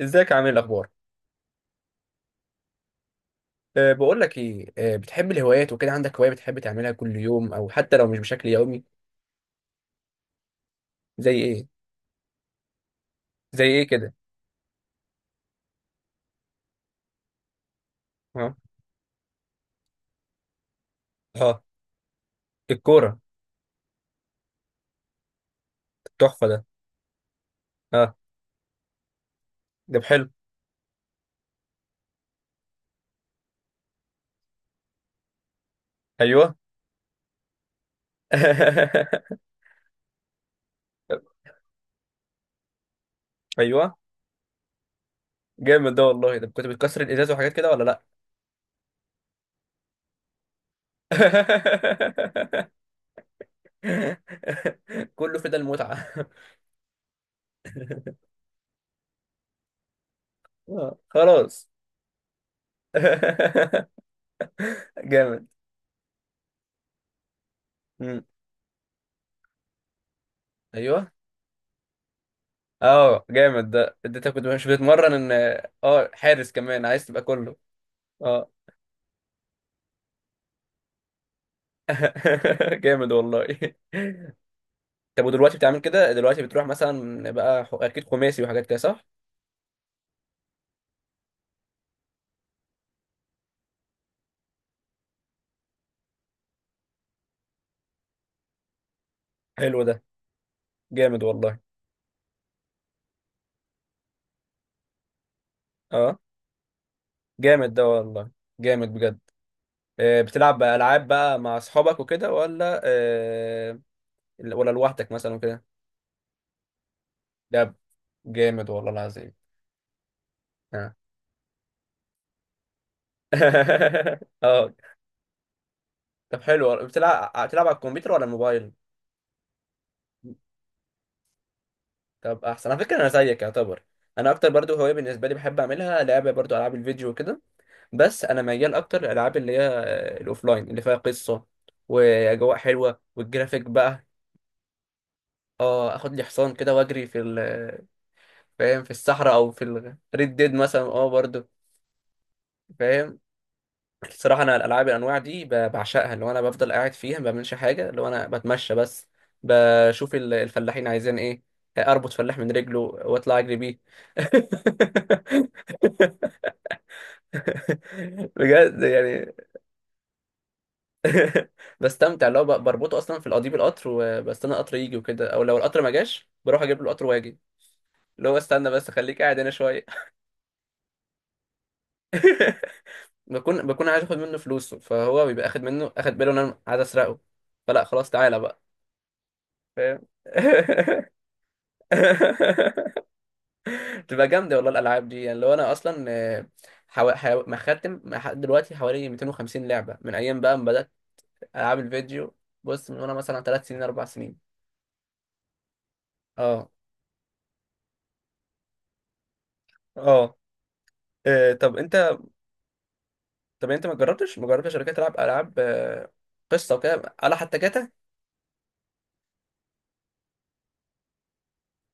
ازيك عامل إيه؟ الاخبار. بقول لك ايه. بتحب الهوايات وكده؟ عندك هوايه بتحب تعملها كل يوم او حتى لو مش بشكل يومي؟ زي ايه زي ايه كده؟ اه. اه، الكوره. التحفه ده. اه، ده حلو. ايوه. ايوه، جامد ده والله. ده كنت بتكسر الازاز وحاجات كده ولا لا؟ كله في ده المتعه. آه، خلاص. جامد. مم. ايوه. اه، جامد ده. اديتك كنت مش بتتمرن ان حارس كمان، عايز تبقى كله. اه. جامد والله. طب ودلوقتي بتعمل كده؟ دلوقتي بتروح مثلا بقى اكيد خماسي وحاجات كده صح؟ حلو ده. جامد والله. اه، جامد ده والله. جامد بجد. بتلعب بقى العاب بقى مع اصحابك وكده ولا لوحدك مثلا وكده؟ ده جامد والله العظيم. اه. اه. طب حلو، بتلعب على الكمبيوتر ولا الموبايل؟ طب احسن على فكره، انا زيك يعتبر. انا اكتر برضو هوايه بالنسبه لي بحب اعملها لعبه برضو العاب الفيديو وكده. بس انا ميال اكتر الالعاب اللي هي الاوفلاين اللي فيها قصه واجواء حلوه والجرافيك بقى. اه، اخد لي حصان كده واجري في فاهم، في الصحراء او في الريد ديد مثلا اه برضو. فاهم. الصراحه انا الالعاب الانواع دي بعشقها، اللي هو انا بفضل قاعد فيها ما بعملش حاجه، اللي هو انا بتمشى بس بشوف الفلاحين عايزين ايه. اربط فلاح من رجله واطلع اجري بيه. بجد يعني. بستمتع اللي هو بربطه اصلا في قضيب القطر وبستنى القطر يجي وكده، او لو القطر ما جاش بروح اجيب له القطر واجي. اللي هو استنى بس، خليك قاعد هنا شويه. بكون عايز اخد منه فلوسه، فهو بيبقى اخد منه، اخد باله ان انا عايز اسرقه، فلا خلاص تعالى بقى. فاهم. بتبقى جامده والله الالعاب دي. يعني لو انا اصلا مختم لحد دلوقتي حوالي 250 لعبه من ايام بقى ما بدات العاب الفيديو. بص، من وانا مثلا 3 سنين 4 سنين. اه. اه. طب انت. ما جربتش شركات تلعب العاب قصه وكده، على حتى جاتا؟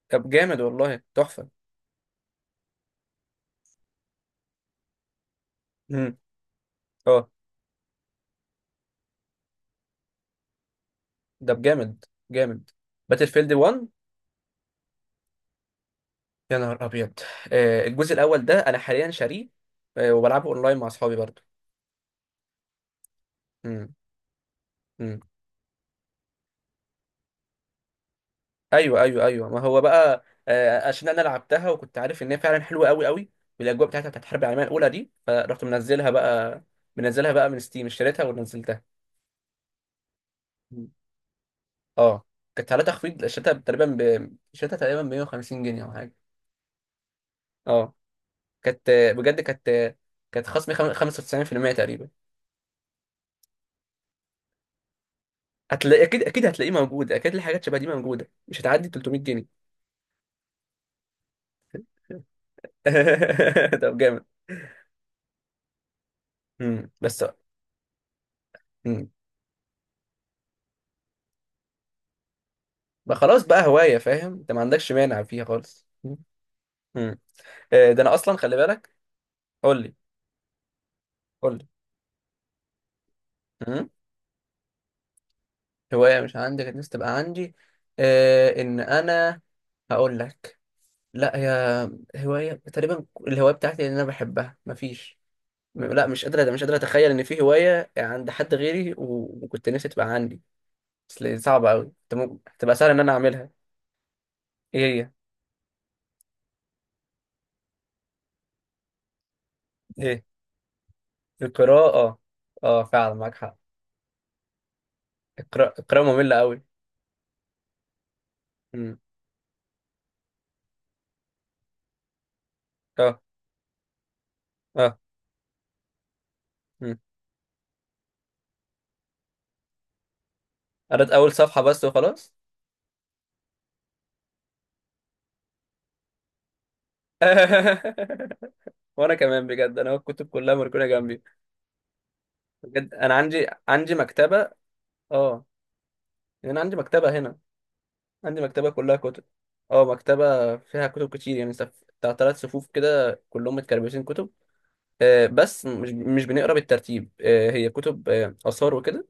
طب جامد والله، تحفه. امم. اه. ده جامد. جامد. باتل فيلد 1؟ يا نهار ابيض. الجزء الاول ده انا حاليا شاريه، وبلعبه اونلاين مع اصحابي برضه. امم. امم. ايوه ايوه ايوه. ما هو بقى عشان انا لعبتها وكنت عارف ان هي فعلا حلوه قوي قوي. والاجواء بتاعتها بتاعت الحرب العالميه الاولى دي فرحت منزلها بقى. منزلها بقى من ستيم، اشتريتها ونزلتها. اه، كانت عليها تخفيض. شريتها تقريبا ب 150 جنيه او حاجه. اه، كانت، بجد كانت خصم 95% تقريبا. هتلاقي اكيد، اكيد هتلاقيه موجود اكيد. الحاجات شبه دي موجوده، مش هتعدي 300 جنيه. طب جامد. بس. امم. بقى خلاص بقى هوايه، فاهم، انت ما عندكش مانع فيها خالص. امم. ده انا اصلا خلي بالك. قول لي. قول لي. امم. هوايه مش عندي كانت نفسي تبقى عندي؟ ان انا، هقول لك. لا هي، هواية تقريبا الهواية بتاعتي اللي أنا بحبها مفيش. لا، مش قادرة أتخيل إن في هواية عند حد غيري، وكنت نفسي تبقى عندي. أصل صعبة أوي، أنت ممكن تبقى سهل إن أنا أعملها. إيه هي؟ إيه؟ القراءة، أه. آه، فعلا معاك حق. القراءة مملة أوي. أمم. أه أه أمم. قريت أول صفحة بس وخلاص. وأنا كمان بجد، أنا الكتب كلها مركونة جنبي. بجد أنا عندي مكتبة. أه. يعني أنا عندي مكتبة هنا. عندي مكتبة كلها كتب. اه، مكتبة فيها كتب كتير يعني بتاع تلات صفوف كده كلهم متكربسين كتب. بس مش بنقرا بالترتيب. هي كتب، آثار وكده.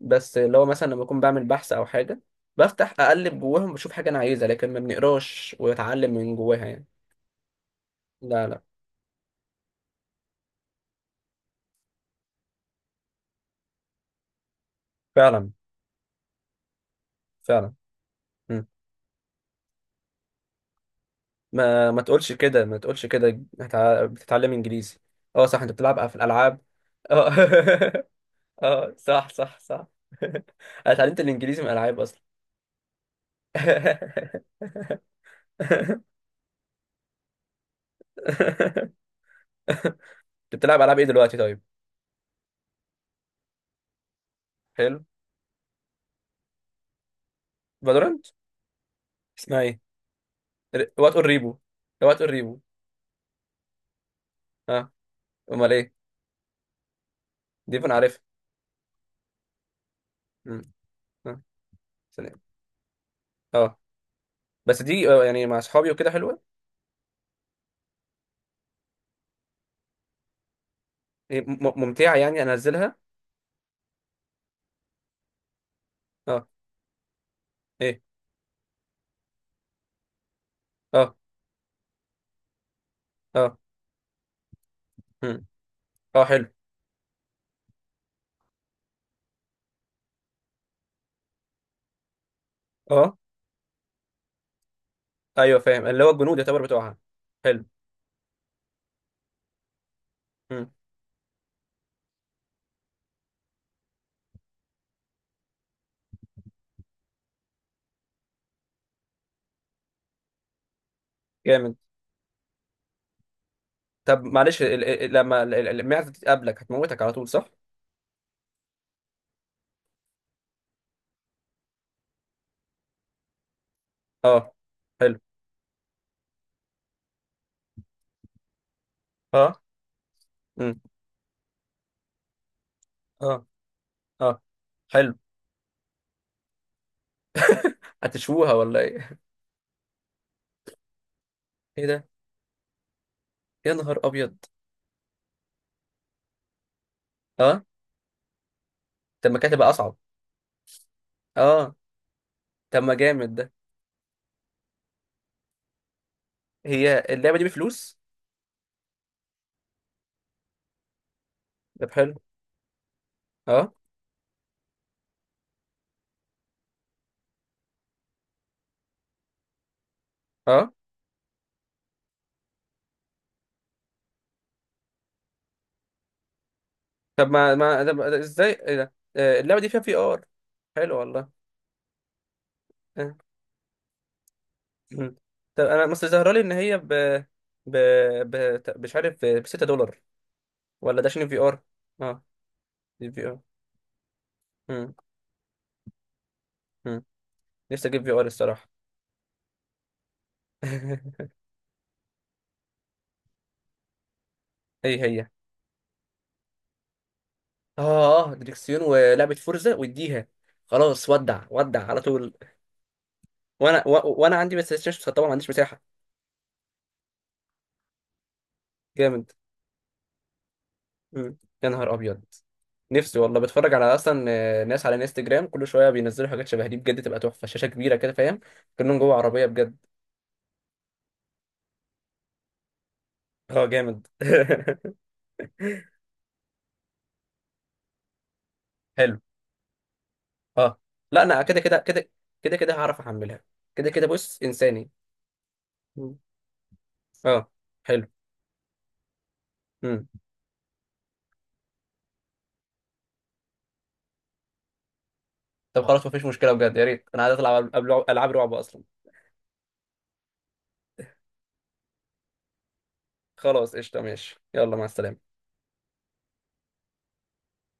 بس لو مثلا لما بكون بعمل بحث أو حاجة بفتح أقلب جواهم بشوف حاجة أنا عايزها، لكن ما بنقراش وأتعلم من جواها يعني. لا لا. فعلا فعلا. مم. ما ما تقولش كده. ما تقولش كده، بتتعلم إنجليزي. اه صح، أنت بتلعب في الألعاب. اه. اه صح صح صح. انا اتعلمت الانجليزي من العاب اصلا. انت بتلعب العاب ايه دلوقتي طيب؟ حلو. فالورانت؟ اسمها ايه؟ وات اور ريبو؟ وات اور ريبو. اه. امال ايه؟ دي انا عارفها. مم. اه. سلام. اه. بس دي يعني مع اصحابي وكده حلوه. ايه، ممتعه؟ يعني انزلها. اه. ايه. اه. اه. مم. اه حلو. اه ايوه، فاهم، اللي هو الجنود يعتبر بتوعها. حلو. مم. جامد. طب معلش، لما المعزه دي تقابلك هتموتك على طول صح؟ اه حلو. اه. امم. اه اه. حلو. هتشوها ولا ايه؟ ايه ده؟ يا نهار ابيض. اه طب ما كانت هتبقى اصعب. اه طب ما جامد ده. هي اللعبه دي بفلوس؟ طب حلو. اه. اه. طب ما ما طب ازاي، ايه ده؟ اللعبه دي فيها في ار؟ حلو والله. آه. مم. طب انا بس ظاهره لي ان هي ب ب مش عارف ب 6 دولار. ولا ده عشان في ار؟ اه دي في ار. نفسي اجيب في ار الصراحه. ايه هي؟ اه، دريكسيون ولعبه فورزا واديها، خلاص ودع ودع على طول. وانا عندي بس ستيشن، طبعا ما عنديش مساحه. جامد. مم. يا نهار ابيض. نفسي والله، بتفرج على اصلا ناس على انستجرام كل شويه بينزلوا حاجات شبه دي، بجد تبقى تحفه، شاشه كبيره كده، فاهم، كأنهم جوه عربيه بجد. اه جامد. حلو. اه لا، انا كده كده كده، كده كده هعرف احملها، كده كده بص انساني. مم. اه حلو. مم. طب خلاص مفيش مشكلة بجد، يا ريت، انا عايز اطلع العب قبل، العاب رعب اصلا. خلاص قشطة، ماشي يلا، مع السلامة.